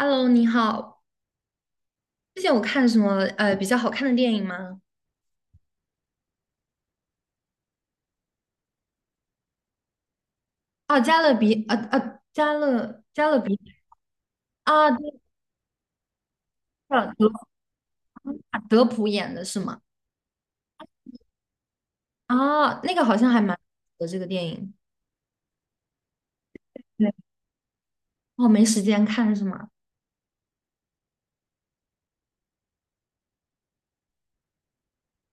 Hello，你好。最近有看什么比较好看的电影吗？哦，加勒比，啊啊，加勒比啊，对了，德普演的是吗？啊，那个好像还蛮的这个电影。对，哦，没时间看是吗？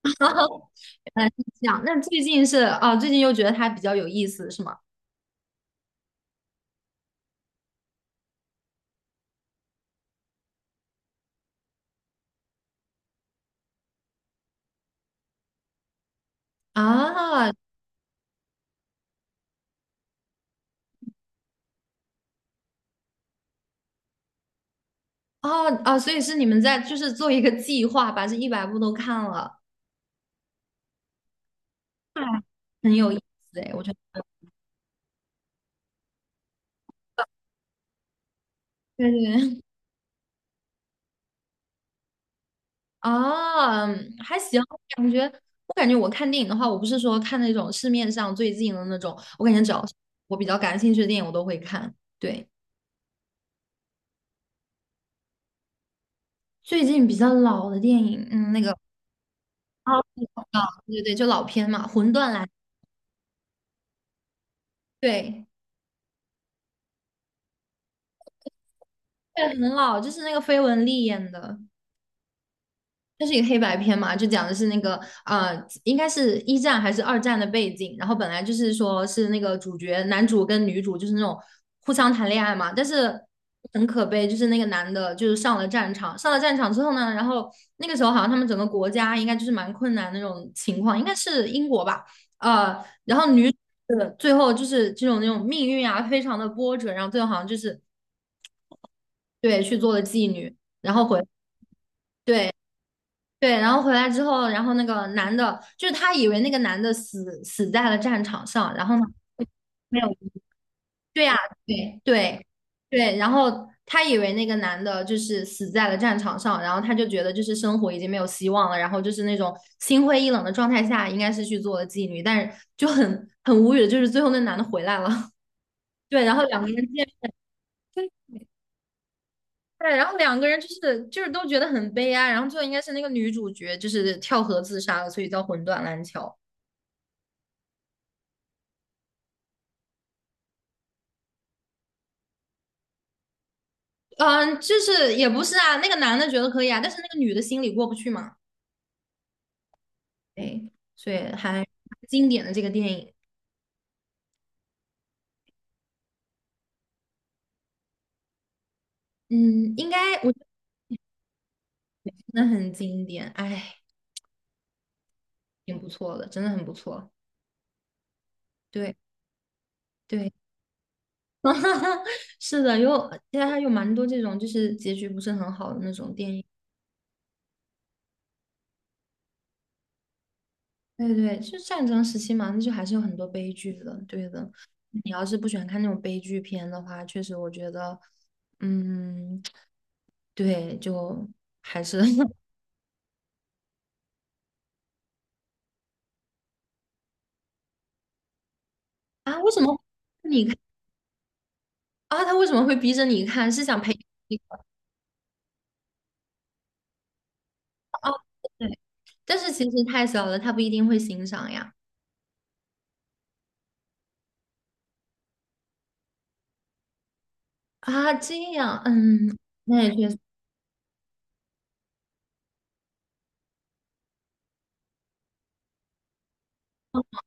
原来是这样。那最近是啊，最近又觉得它比较有意思是吗？啊，哦啊，所以是你们在就是做一个计划，把这100部都看了，对，很有意思哎，我觉得。对对对，啊，嗯还行，我感觉我看电影的话，我不是说看那种市面上最近的那种，我感觉只要是我比较感兴趣的电影，我都会看。对，最近比较老的电影，嗯，那个啊，对对对，就老片嘛，《魂断蓝》，对，对，很老，就是那个绯闻丽演的。它是一个黑白片嘛，就讲的是那个，应该是一战还是二战的背景。然后本来就是说是那个主角男主跟女主就是那种互相谈恋爱嘛，但是很可悲，就是那个男的就是上了战场，上了战场之后呢，然后那个时候好像他们整个国家应该就是蛮困难的那种情况，应该是英国吧，然后女最后就是这种那种命运啊，非常的波折，然后最后好像就是对去做了妓女，然后回。对，对，然后回来之后，然后那个男的，就是他以为那个男的死在了战场上，然后呢，没有，对呀、对对对，然后他以为那个男的就是死在了战场上，然后他就觉得就是生活已经没有希望了，然后就是那种心灰意冷的状态下，应该是去做了妓女，但是就很无语的，就是最后那男的回来了，对，然后两个人见。对，对然后两个人就是都觉得很悲哀，然后最后应该是那个女主角就是跳河自杀了，所以叫魂断蓝桥。嗯，就是也不是啊，那个男的觉得可以啊，但是那个女的心里过不去嘛，对，所以还经典的这个电影，嗯，应该我觉得真的很经典，哎，挺不错的，真的很不错，对对，是的，有现在还有蛮多这种就是结局不是很好的那种电影，对对，就战争时期嘛，那就还是有很多悲剧的，对的，你要是不喜欢看那种悲剧片的话，确实我觉得，嗯，对，就还是 啊，为什么你看啊？他为什么会逼着你看？是想培养你哦，对。但是其实太小了，他不一定会欣赏呀。啊，这样，嗯，那也确实。哦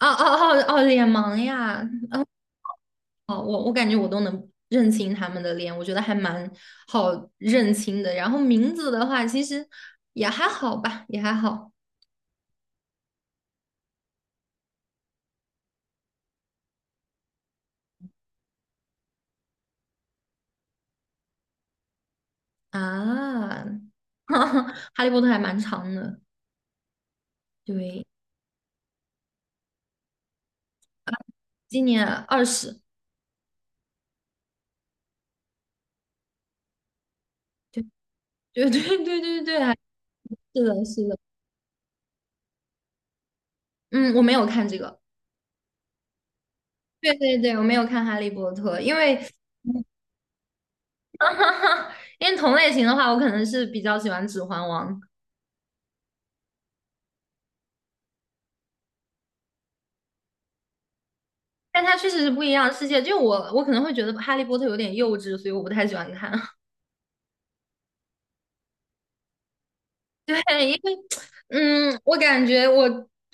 哦哦哦，哦脸盲呀！哦，我感觉我都能认清他们的脸，我觉得还蛮好认清的。然后名字的话，其实也还好吧，也还好啊。哈利波特还蛮长的，对，今年20，对对对对对对，还是的，是的。嗯，我没有看这个。对对对，我没有看《哈利波特》，因为 因为同类型的话，我可能是比较喜欢《指环王》，但它确实是不一样的世界。我可能会觉得《哈利波特》有点幼稚，所以我不太喜欢看。嗯，我感觉我，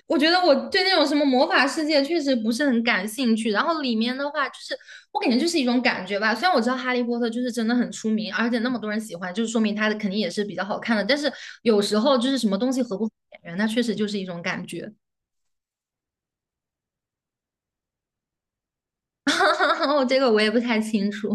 我觉得我对那种什么魔法世界确实不是很感兴趣。然后里面的话，就是我感觉就是一种感觉吧。虽然我知道《哈利波特》就是真的很出名，而且那么多人喜欢，就是说明它的肯定也是比较好看的。但是有时候就是什么东西合不合眼缘，那确实就是一种感觉。我这个我也不太清楚，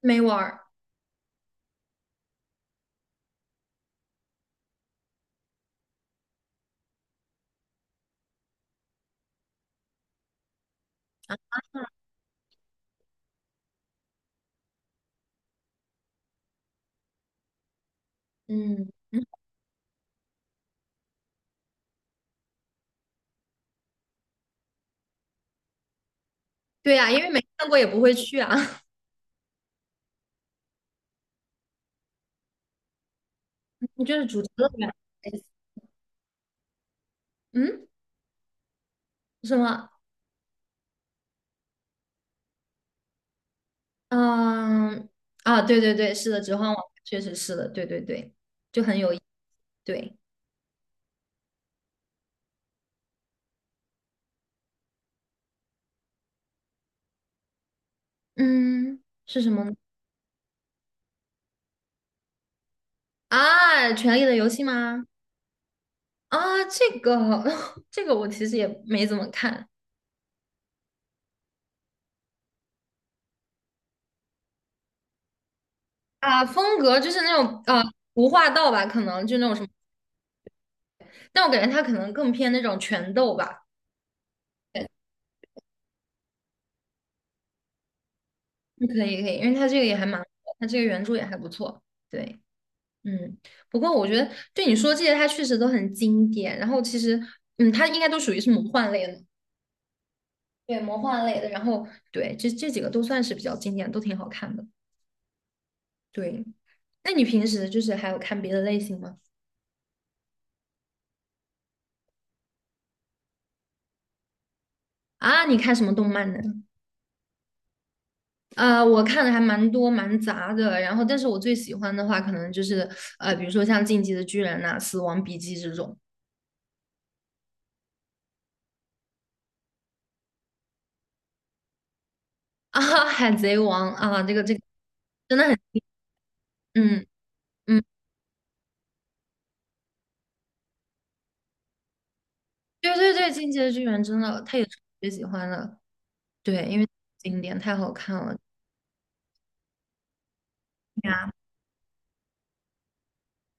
没玩儿。嗯，嗯对呀、因为没看过也不会去啊，就是主题乐园。嗯，什么？嗯，啊，对对对，是的，《指环王》确实是的，对对对，就很有意对，嗯，是什么呢啊，《权力的游戏》吗？啊，这个我其实也没怎么看啊，风格就是那种啊，无话道吧，可能就那种什么，但我感觉他可能更偏那种拳斗吧。嗯可以可以，因为他这个也还蛮，他这个原著也还不错，对。嗯，不过我觉得对你说这些，它确实都很经典。然后其实，嗯，它应该都属于是魔幻类的。对，魔幻类的，然后对，这几个都算是比较经典，都挺好看的。对，那你平时就是还有看别的类型吗？啊，你看什么动漫呢？我看的还蛮多蛮杂的，然后但是我最喜欢的话，可能就是，比如说像《进击的巨人》呐、死亡笔记》这种啊，《海贼王》啊，这个真的很，嗯嗯，对对对，《进击的巨人》真的，他也是我最喜欢的，对，因为经典太好看了。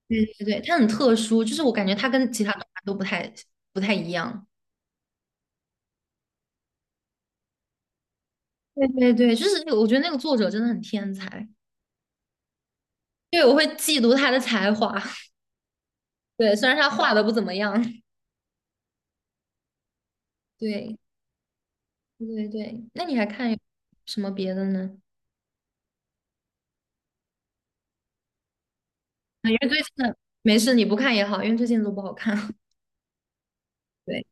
对对对，他很特殊，就是我感觉他跟其他动漫都不太一样。对对对，就是那个我觉得那个作者真的很天才，对，我会嫉妒他的才华。对，虽然他画的不怎么样。对对对对，那你还看有什么别的呢？啊，因为最近的没事，你不看也好，因为最近都不好看。对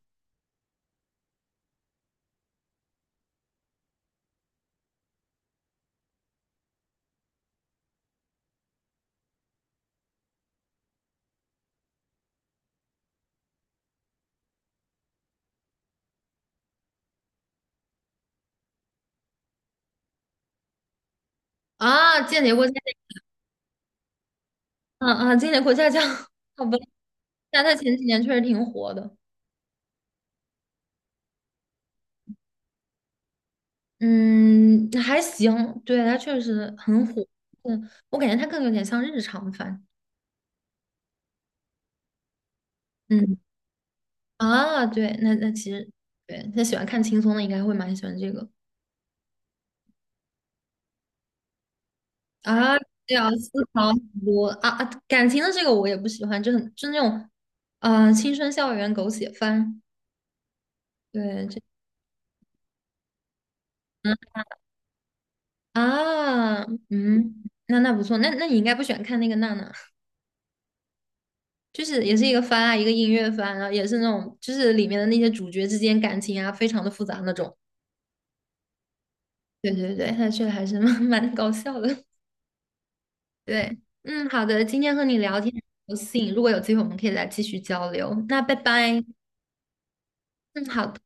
啊，间谍过家家，啊啊，间谍过家家，好吧，但他前几年确实挺火的。嗯，还行，对，他确实很火。嗯，我感觉他更有点像日常番。嗯啊，对，那那其实对，他喜欢看轻松的应该会蛮喜欢这个啊，对啊，思考很多啊，感情的这个我也不喜欢，就很就那种啊、青春校园狗血番，对这嗯啊嗯，那那不错，那那你应该不喜欢看那个娜娜，就是也是一个番啊，一个音乐番啊，也是那种就是里面的那些主角之间感情啊，非常的复杂那种，对对对，那确实还是蛮搞笑的，对，嗯，好的，今天和你聊天很高兴，如果有机会我们可以再继续交流。那拜拜，嗯，好的。